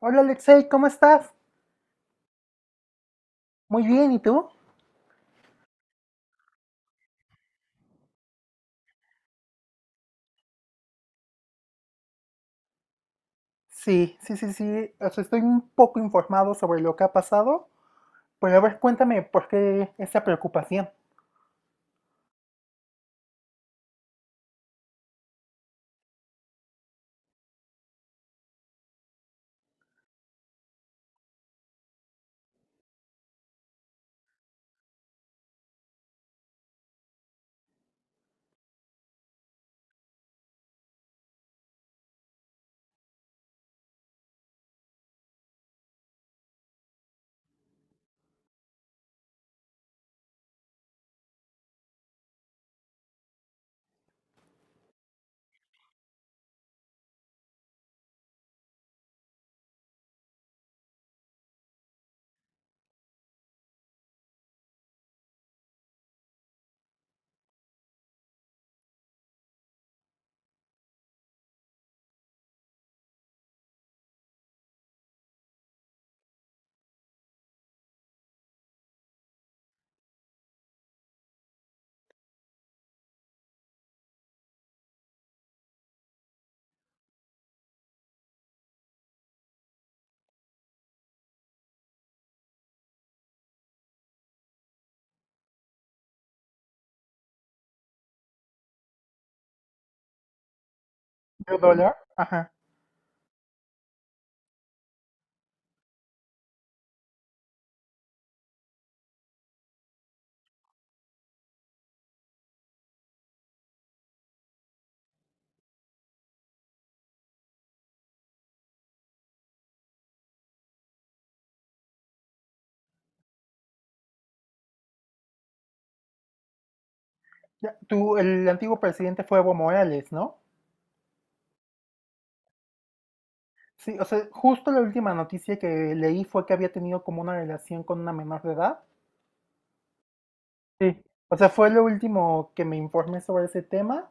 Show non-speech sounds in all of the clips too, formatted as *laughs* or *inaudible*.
Hola Alexei, ¿cómo estás? Muy bien, ¿y tú? Sí, sí, sí, sí. O sea, estoy un poco informado sobre lo que ha pasado, pero a ver, cuéntame por qué esa preocupación. ¿De dólar? Ajá. Ya, tú, el antiguo presidente fue Evo Morales, ¿no? Sí, o sea, justo la última noticia que leí fue que había tenido como una relación con una menor de edad. Sí, o sea, fue lo último que me informé sobre ese tema.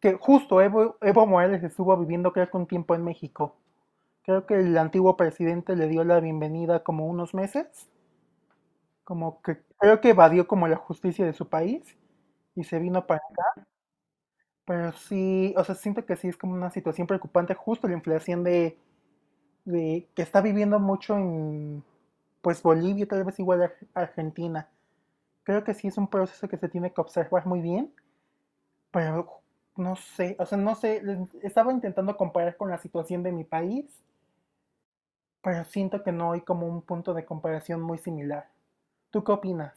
Que justo Evo Morales estuvo viviendo creo que un tiempo en México. Creo que el antiguo presidente le dio la bienvenida como unos meses. Como que creo que evadió como la justicia de su país y se vino para... Pero sí, o sea, siento que sí es como una situación preocupante justo la inflación de que está viviendo mucho en pues Bolivia, tal vez igual Ar- Argentina. Creo que sí es un proceso que se tiene que observar muy bien, pero no sé, estaba intentando comparar con la situación de mi país, pero siento que no hay como un punto de comparación muy similar. ¿Tú qué opinas?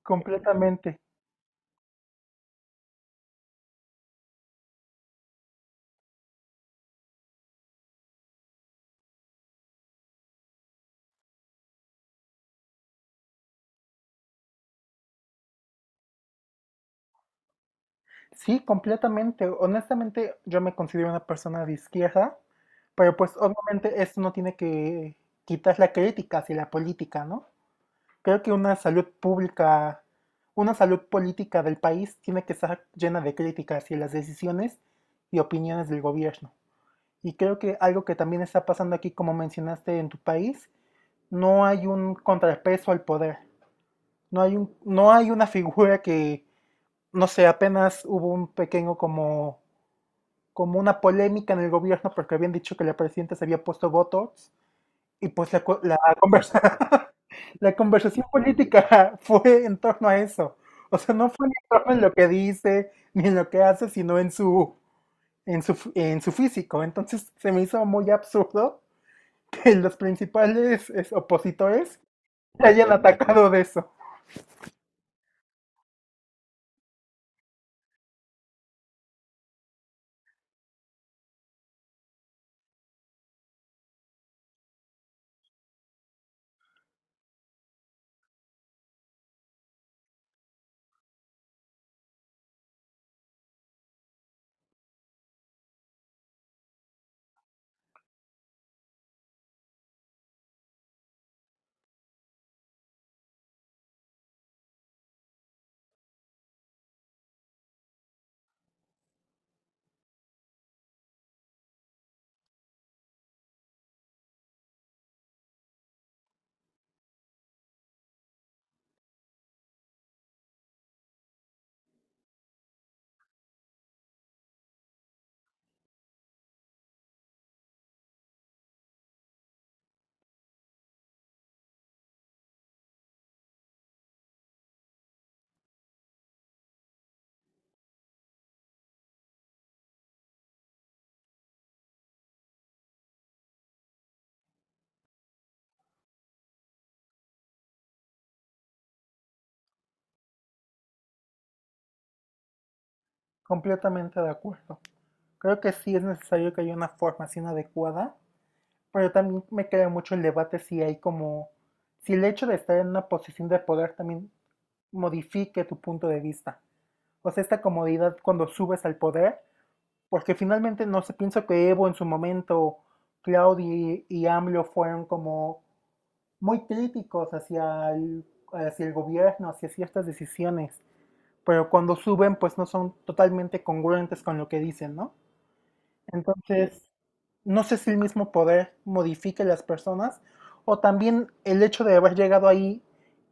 Completamente. Sí, completamente. Honestamente, yo me considero una persona de izquierda, pero pues obviamente esto no tiene que quitar la crítica hacia la política, ¿no? Creo que una salud pública, una salud política del país tiene que estar llena de críticas hacia las decisiones y opiniones del gobierno. Y creo que algo que también está pasando aquí, como mencionaste en tu país, no hay un contrapeso al poder. No hay una figura que, no sé, apenas hubo un pequeño como, como una polémica en el gobierno porque habían dicho que la presidenta se había puesto Botox y pues la, co- la conversa- *laughs* la conversación política *laughs* fue en torno a eso. O sea, no fue ni en torno en lo que dice, ni en lo que hace, sino en su, f- en su físico. Entonces se me hizo muy absurdo que los principales es, opositores le hayan atacado de eso. Completamente de acuerdo. Creo que sí es necesario que haya una formación adecuada, pero también me queda mucho el debate si hay como, si el hecho de estar en una posición de poder también modifique tu punto de vista. O sea, esta comodidad cuando subes al poder, porque finalmente no sé, pienso que Evo en su momento, Claudio y AMLO fueron como muy críticos hacia el gobierno, hacia ciertas decisiones, pero cuando suben pues no son totalmente congruentes con lo que dicen, ¿no? Entonces, no sé si el mismo poder modifique las personas o también el hecho de haber llegado ahí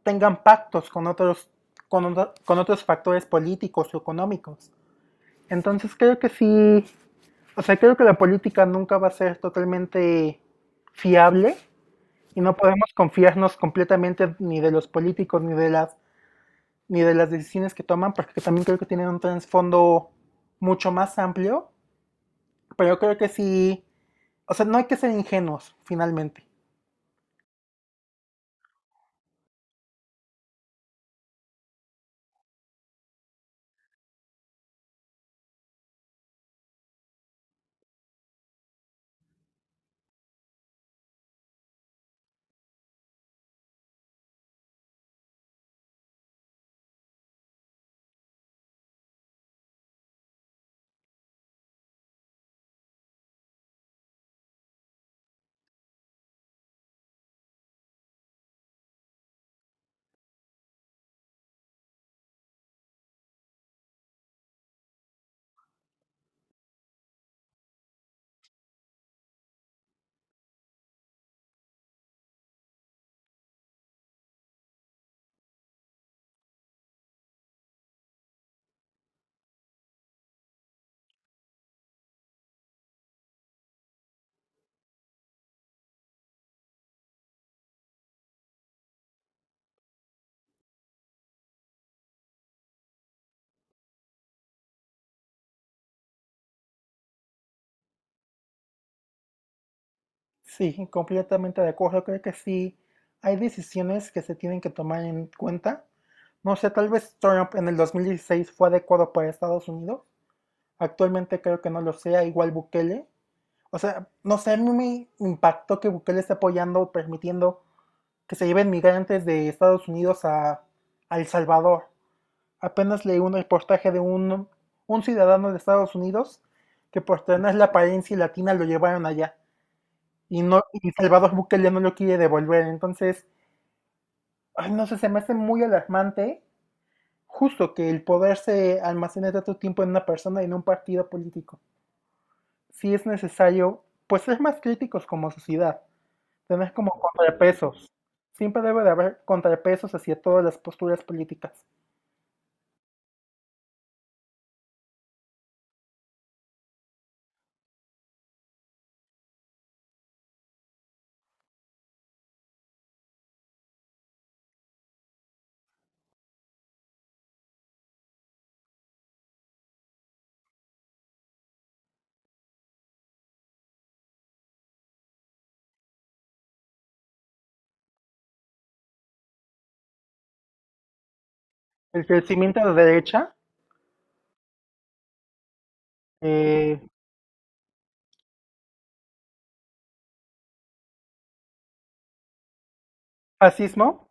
tengan pactos con otros, con, otro- con otros factores políticos o económicos. Entonces, creo que sí, o sea, creo que la política nunca va a ser totalmente fiable y no podemos confiarnos completamente ni de los políticos ni de las decisiones que toman, porque también creo que tienen un trasfondo mucho más amplio, pero creo que sí, o sea, no hay que ser ingenuos, finalmente. Sí, completamente de acuerdo. Creo que sí hay decisiones que se tienen que tomar en cuenta. No sé, tal vez Trump en el 2016 fue adecuado para Estados Unidos. Actualmente creo que no lo sea, igual Bukele. O sea, no sé, a mí me impactó que Bukele esté apoyando o permitiendo que se lleven migrantes de Estados Unidos a El Salvador. Apenas leí un reportaje de un ciudadano de Estados Unidos que por tener la apariencia latina lo llevaron allá. Y no, y Salvador Bukele no lo quiere devolver. Entonces, ay, no sé, se me hace muy alarmante justo que el poder se almacene tanto tiempo en una persona y en un partido político. Si es necesario, pues ser más críticos como sociedad, tener como contrapesos. Siempre debe de haber contrapesos hacia todas las posturas políticas. El crecimiento de derecha, eh, fascismo,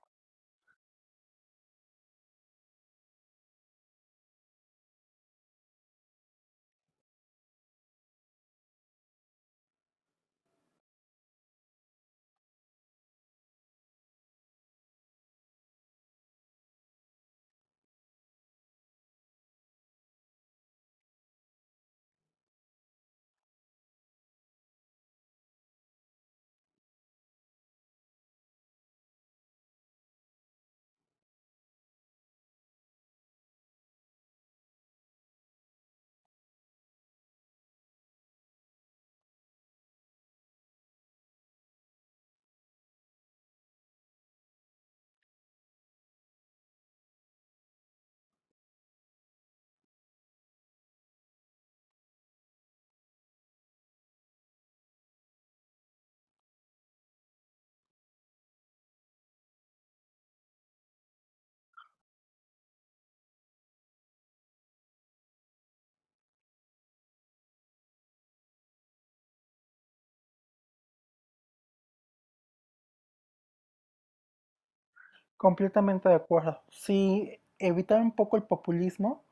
completamente de acuerdo. Sí, evitar un poco el populismo.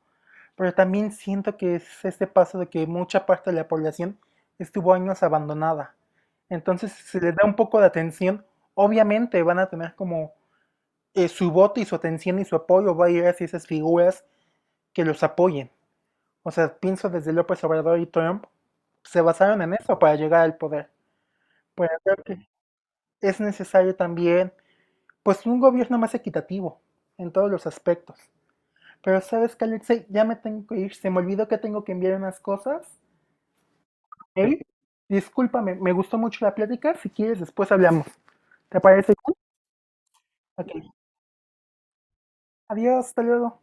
Pero también siento que es este paso de que mucha parte de la población estuvo años abandonada. Entonces, si se les da un poco de atención, obviamente van a tener como su voto y su atención y su apoyo va a ir hacia esas figuras que los apoyen. O sea, pienso desde López Obrador y Trump, se basaron en eso para llegar al poder. Pero creo que es necesario también, pues, un gobierno más equitativo en todos los aspectos. Pero sabes que, Alexei, ya me tengo que ir. Se me olvidó que tengo que enviar unas cosas. Hey, discúlpame, me gustó mucho la plática. Si quieres, después hablamos. ¿Te parece bien? Ok. Adiós, hasta luego.